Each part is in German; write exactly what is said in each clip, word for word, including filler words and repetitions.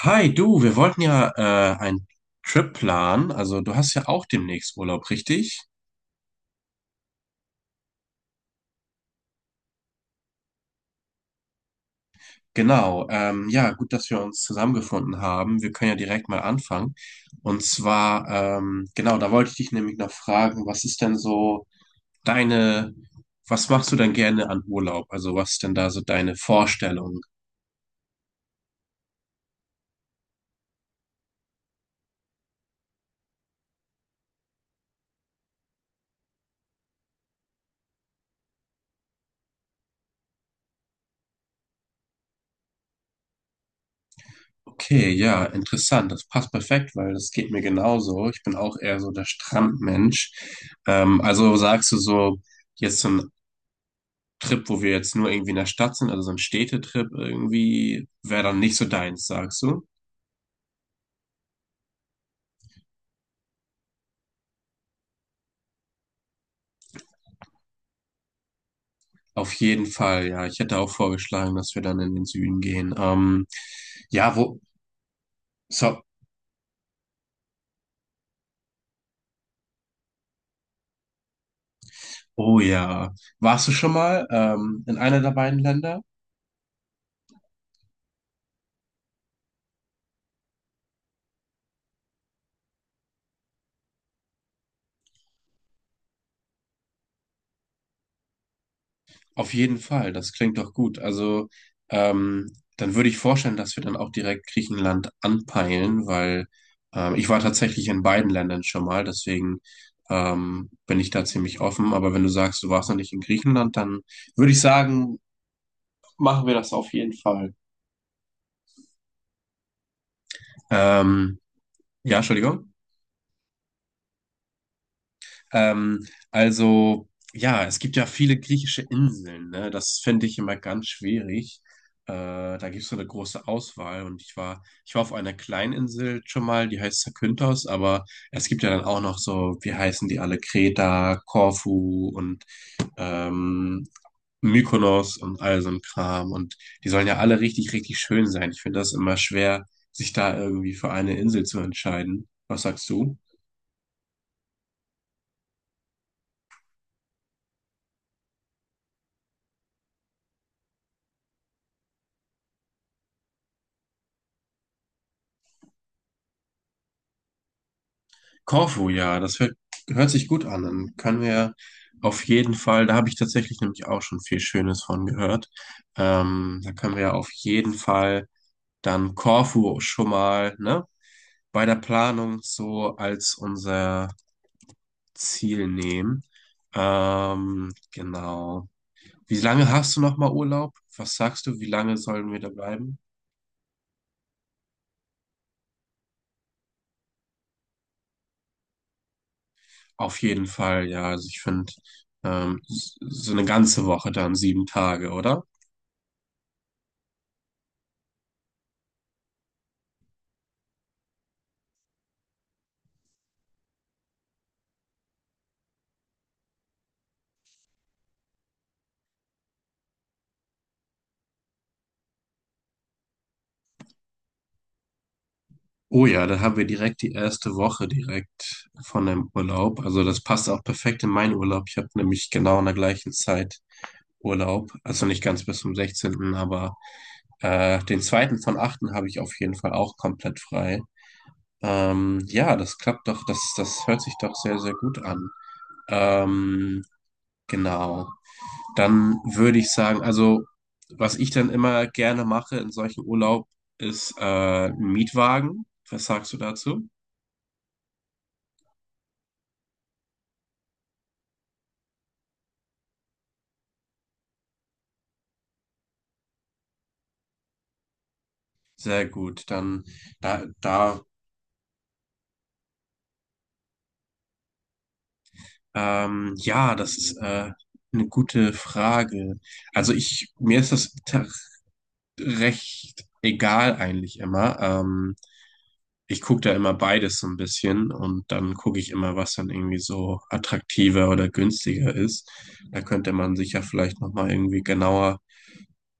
Hi, du, wir wollten ja äh, einen Trip planen. Also du hast ja auch demnächst Urlaub, richtig? Genau. Ähm, ja, gut, dass wir uns zusammengefunden haben. Wir können ja direkt mal anfangen. Und zwar, ähm, genau, da wollte ich dich nämlich noch fragen, was ist denn so deine, was machst du denn gerne an Urlaub? Also was ist denn da so deine Vorstellung? Okay, ja, interessant. Das passt perfekt, weil das geht mir genauso. Ich bin auch eher so der Strandmensch. Ähm, also sagst du so, jetzt so ein Trip, wo wir jetzt nur irgendwie in der Stadt sind, also so ein Städtetrip irgendwie, wäre dann nicht so deins, sagst du? Auf jeden Fall, ja. Ich hätte auch vorgeschlagen, dass wir dann in den Süden gehen. Ähm, ja, wo, so, oh ja. Warst du schon mal ähm, in einer der beiden Länder? Auf jeden Fall, das klingt doch gut. Also, ähm, dann würde ich vorstellen, dass wir dann auch direkt Griechenland anpeilen, weil ähm, ich war tatsächlich in beiden Ländern schon mal, deswegen ähm, bin ich da ziemlich offen. Aber wenn du sagst, du warst noch nicht in Griechenland, dann würde ich sagen, machen wir das auf jeden Fall. Ähm, ja, Entschuldigung. Ähm, also, ja, es gibt ja viele griechische Inseln, ne? Das fände ich immer ganz schwierig. Äh, da gibt es so eine große Auswahl und ich war, ich war auf einer Kleininsel schon mal, die heißt Zakynthos, aber es gibt ja dann auch noch so, wie heißen die alle, Kreta, Korfu und ähm, Mykonos und all so ein Kram und die sollen ja alle richtig, richtig schön sein. Ich finde das immer schwer, sich da irgendwie für eine Insel zu entscheiden. Was sagst du? Korfu, ja, das hört, hört sich gut an. Dann können wir auf jeden Fall. Da habe ich tatsächlich nämlich auch schon viel Schönes von gehört. Ähm, da können wir auf jeden Fall dann Korfu schon mal, ne, bei der Planung so als unser Ziel nehmen. Ähm, genau. Wie lange hast du noch mal Urlaub? Was sagst du? Wie lange sollen wir da bleiben? Auf jeden Fall, ja. Also ich finde, ähm, s- so eine ganze Woche dann, sieben Tage, oder? Oh ja, dann haben wir direkt die erste Woche direkt von dem Urlaub. Also das passt auch perfekt in meinen Urlaub. Ich habe nämlich genau in der gleichen Zeit Urlaub. Also nicht ganz bis zum sechzehnten, aber äh, den zweiten von achten habe ich auf jeden Fall auch komplett frei. Ähm, ja, das klappt doch, das, das hört sich doch sehr, sehr gut an. Ähm, genau. Dann würde ich sagen, also was ich dann immer gerne mache in solchen Urlaub ist äh, ein Mietwagen. Was sagst du dazu? Sehr gut. Dann da, da ähm, Ja, das ist äh, eine gute Frage. Also ich, mir ist das ta- recht egal eigentlich immer. Ähm, ich gucke da immer beides so ein bisschen und dann gucke ich immer, was dann irgendwie so attraktiver oder günstiger ist. Da könnte man sich ja vielleicht nochmal irgendwie genauer,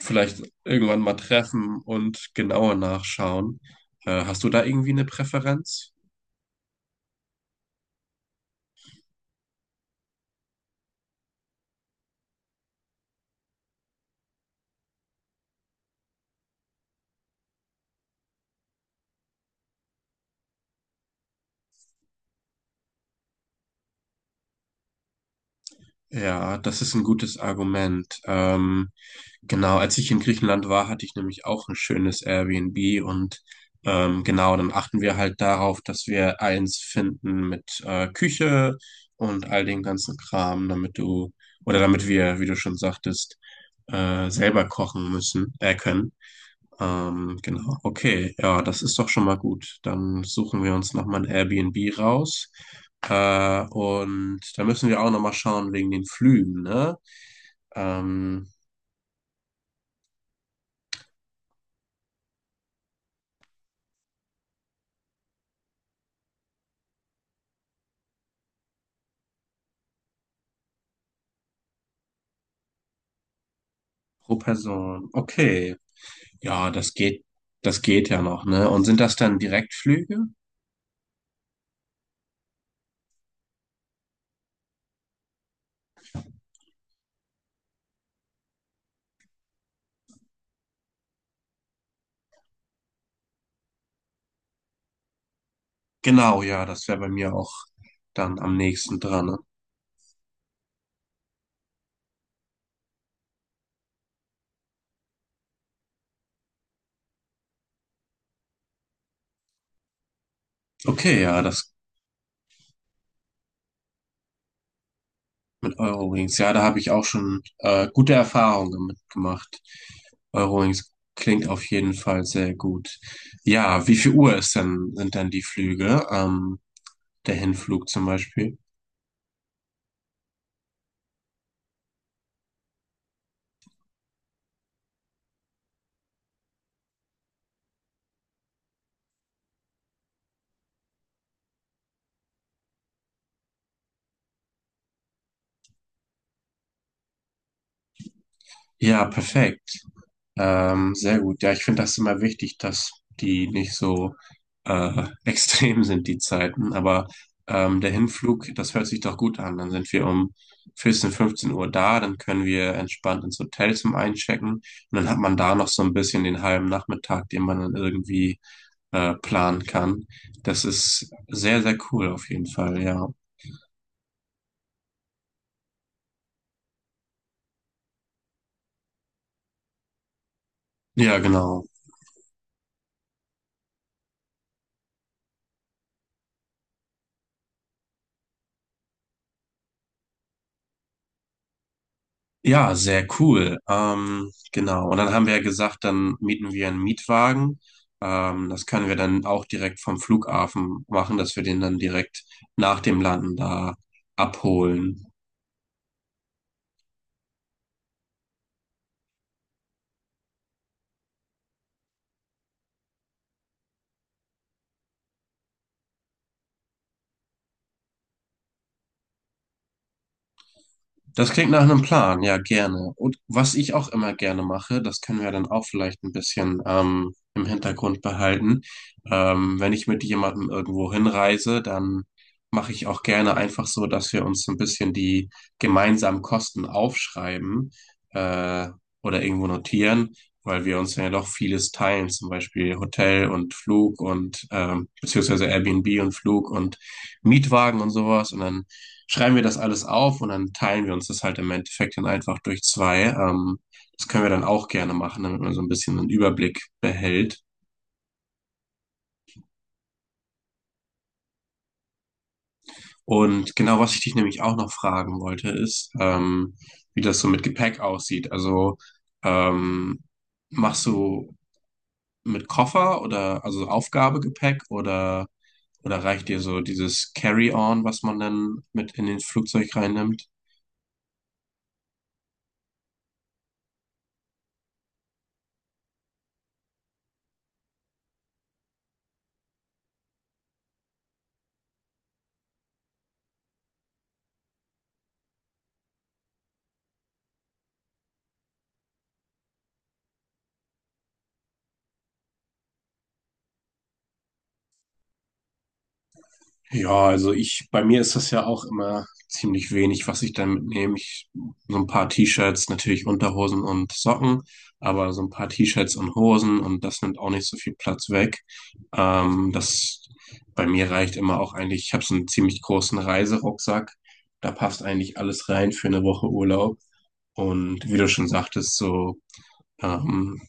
vielleicht irgendwann mal treffen und genauer nachschauen. Äh, hast du da irgendwie eine Präferenz? Ja, das ist ein gutes Argument. Ähm, genau, als ich in Griechenland war, hatte ich nämlich auch ein schönes Airbnb. Und ähm, genau, dann achten wir halt darauf, dass wir eins finden mit äh, Küche und all dem ganzen Kram, damit du oder damit wir, wie du schon sagtest, äh, selber kochen müssen, äh, können. Ähm, genau. Okay, ja, das ist doch schon mal gut. Dann suchen wir uns nochmal ein Airbnb raus. Äh, und da müssen wir auch nochmal schauen wegen den Flügen, ne? Ähm, Pro Person. Okay. Ja, das geht, das geht ja noch, ne? Und sind das dann Direktflüge? Genau, ja, das wäre bei mir auch dann am nächsten dran, ne? Okay, ja, das mit Eurowings, ja, da habe ich auch schon äh, gute Erfahrungen mitgemacht. Eurowings klingt auf jeden Fall sehr gut. Ja, wie viel Uhr ist denn, sind dann die Flüge? Ähm, der Hinflug zum Beispiel. Ja, perfekt. Ähm, sehr gut. Ja, ich finde das immer wichtig, dass die nicht so äh, extrem sind, die Zeiten. Aber ähm, der Hinflug, das hört sich doch gut an. Dann sind wir um vierzehn fünfzehn Uhr da, dann können wir entspannt ins Hotel zum Einchecken. Und dann hat man da noch so ein bisschen den halben Nachmittag, den man dann irgendwie äh, planen kann. Das ist sehr, sehr cool auf jeden Fall, ja. Ja, genau. Ja, sehr cool. Ähm, genau. Und dann haben wir ja gesagt, dann mieten wir einen Mietwagen. Ähm, das können wir dann auch direkt vom Flughafen machen, dass wir den dann direkt nach dem Landen da abholen. Das klingt nach einem Plan, ja, gerne. Und was ich auch immer gerne mache, das können wir dann auch vielleicht ein bisschen ähm, im Hintergrund behalten. Ähm, wenn ich mit jemandem irgendwo hinreise, dann mache ich auch gerne einfach so, dass wir uns ein bisschen die gemeinsamen Kosten aufschreiben äh, oder irgendwo notieren, weil wir uns ja doch vieles teilen, zum Beispiel Hotel und Flug und ähm, beziehungsweise Airbnb und Flug und Mietwagen und sowas. Und dann schreiben wir das alles auf und dann teilen wir uns das halt im Endeffekt dann einfach durch zwei. Ähm, das können wir dann auch gerne machen, damit man so ein bisschen einen Überblick behält. Und genau, was ich dich nämlich auch noch fragen wollte, ist, ähm, wie das so mit Gepäck aussieht. Also ähm, machst du mit Koffer oder also Aufgabegepäck oder oder reicht dir so dieses Carry-on, was man dann mit in den Flugzeug reinnimmt? Ja, also ich, bei mir ist das ja auch immer ziemlich wenig, was ich dann mitnehme. Ich, so ein paar T-Shirts, natürlich Unterhosen und Socken, aber so ein paar T-Shirts und Hosen, und das nimmt auch nicht so viel Platz weg. Ähm, das bei mir reicht immer auch eigentlich, ich habe so einen ziemlich großen Reiserucksack. Da passt eigentlich alles rein für eine Woche Urlaub. Und wie du schon sagtest, so ähm,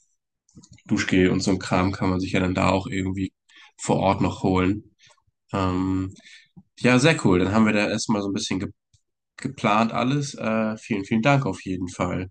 Duschgel und so ein Kram kann man sich ja dann da auch irgendwie vor Ort noch holen. Ähm, ja, sehr cool. Dann haben wir da erstmal so ein bisschen ge geplant alles. Äh, vielen, vielen Dank auf jeden Fall.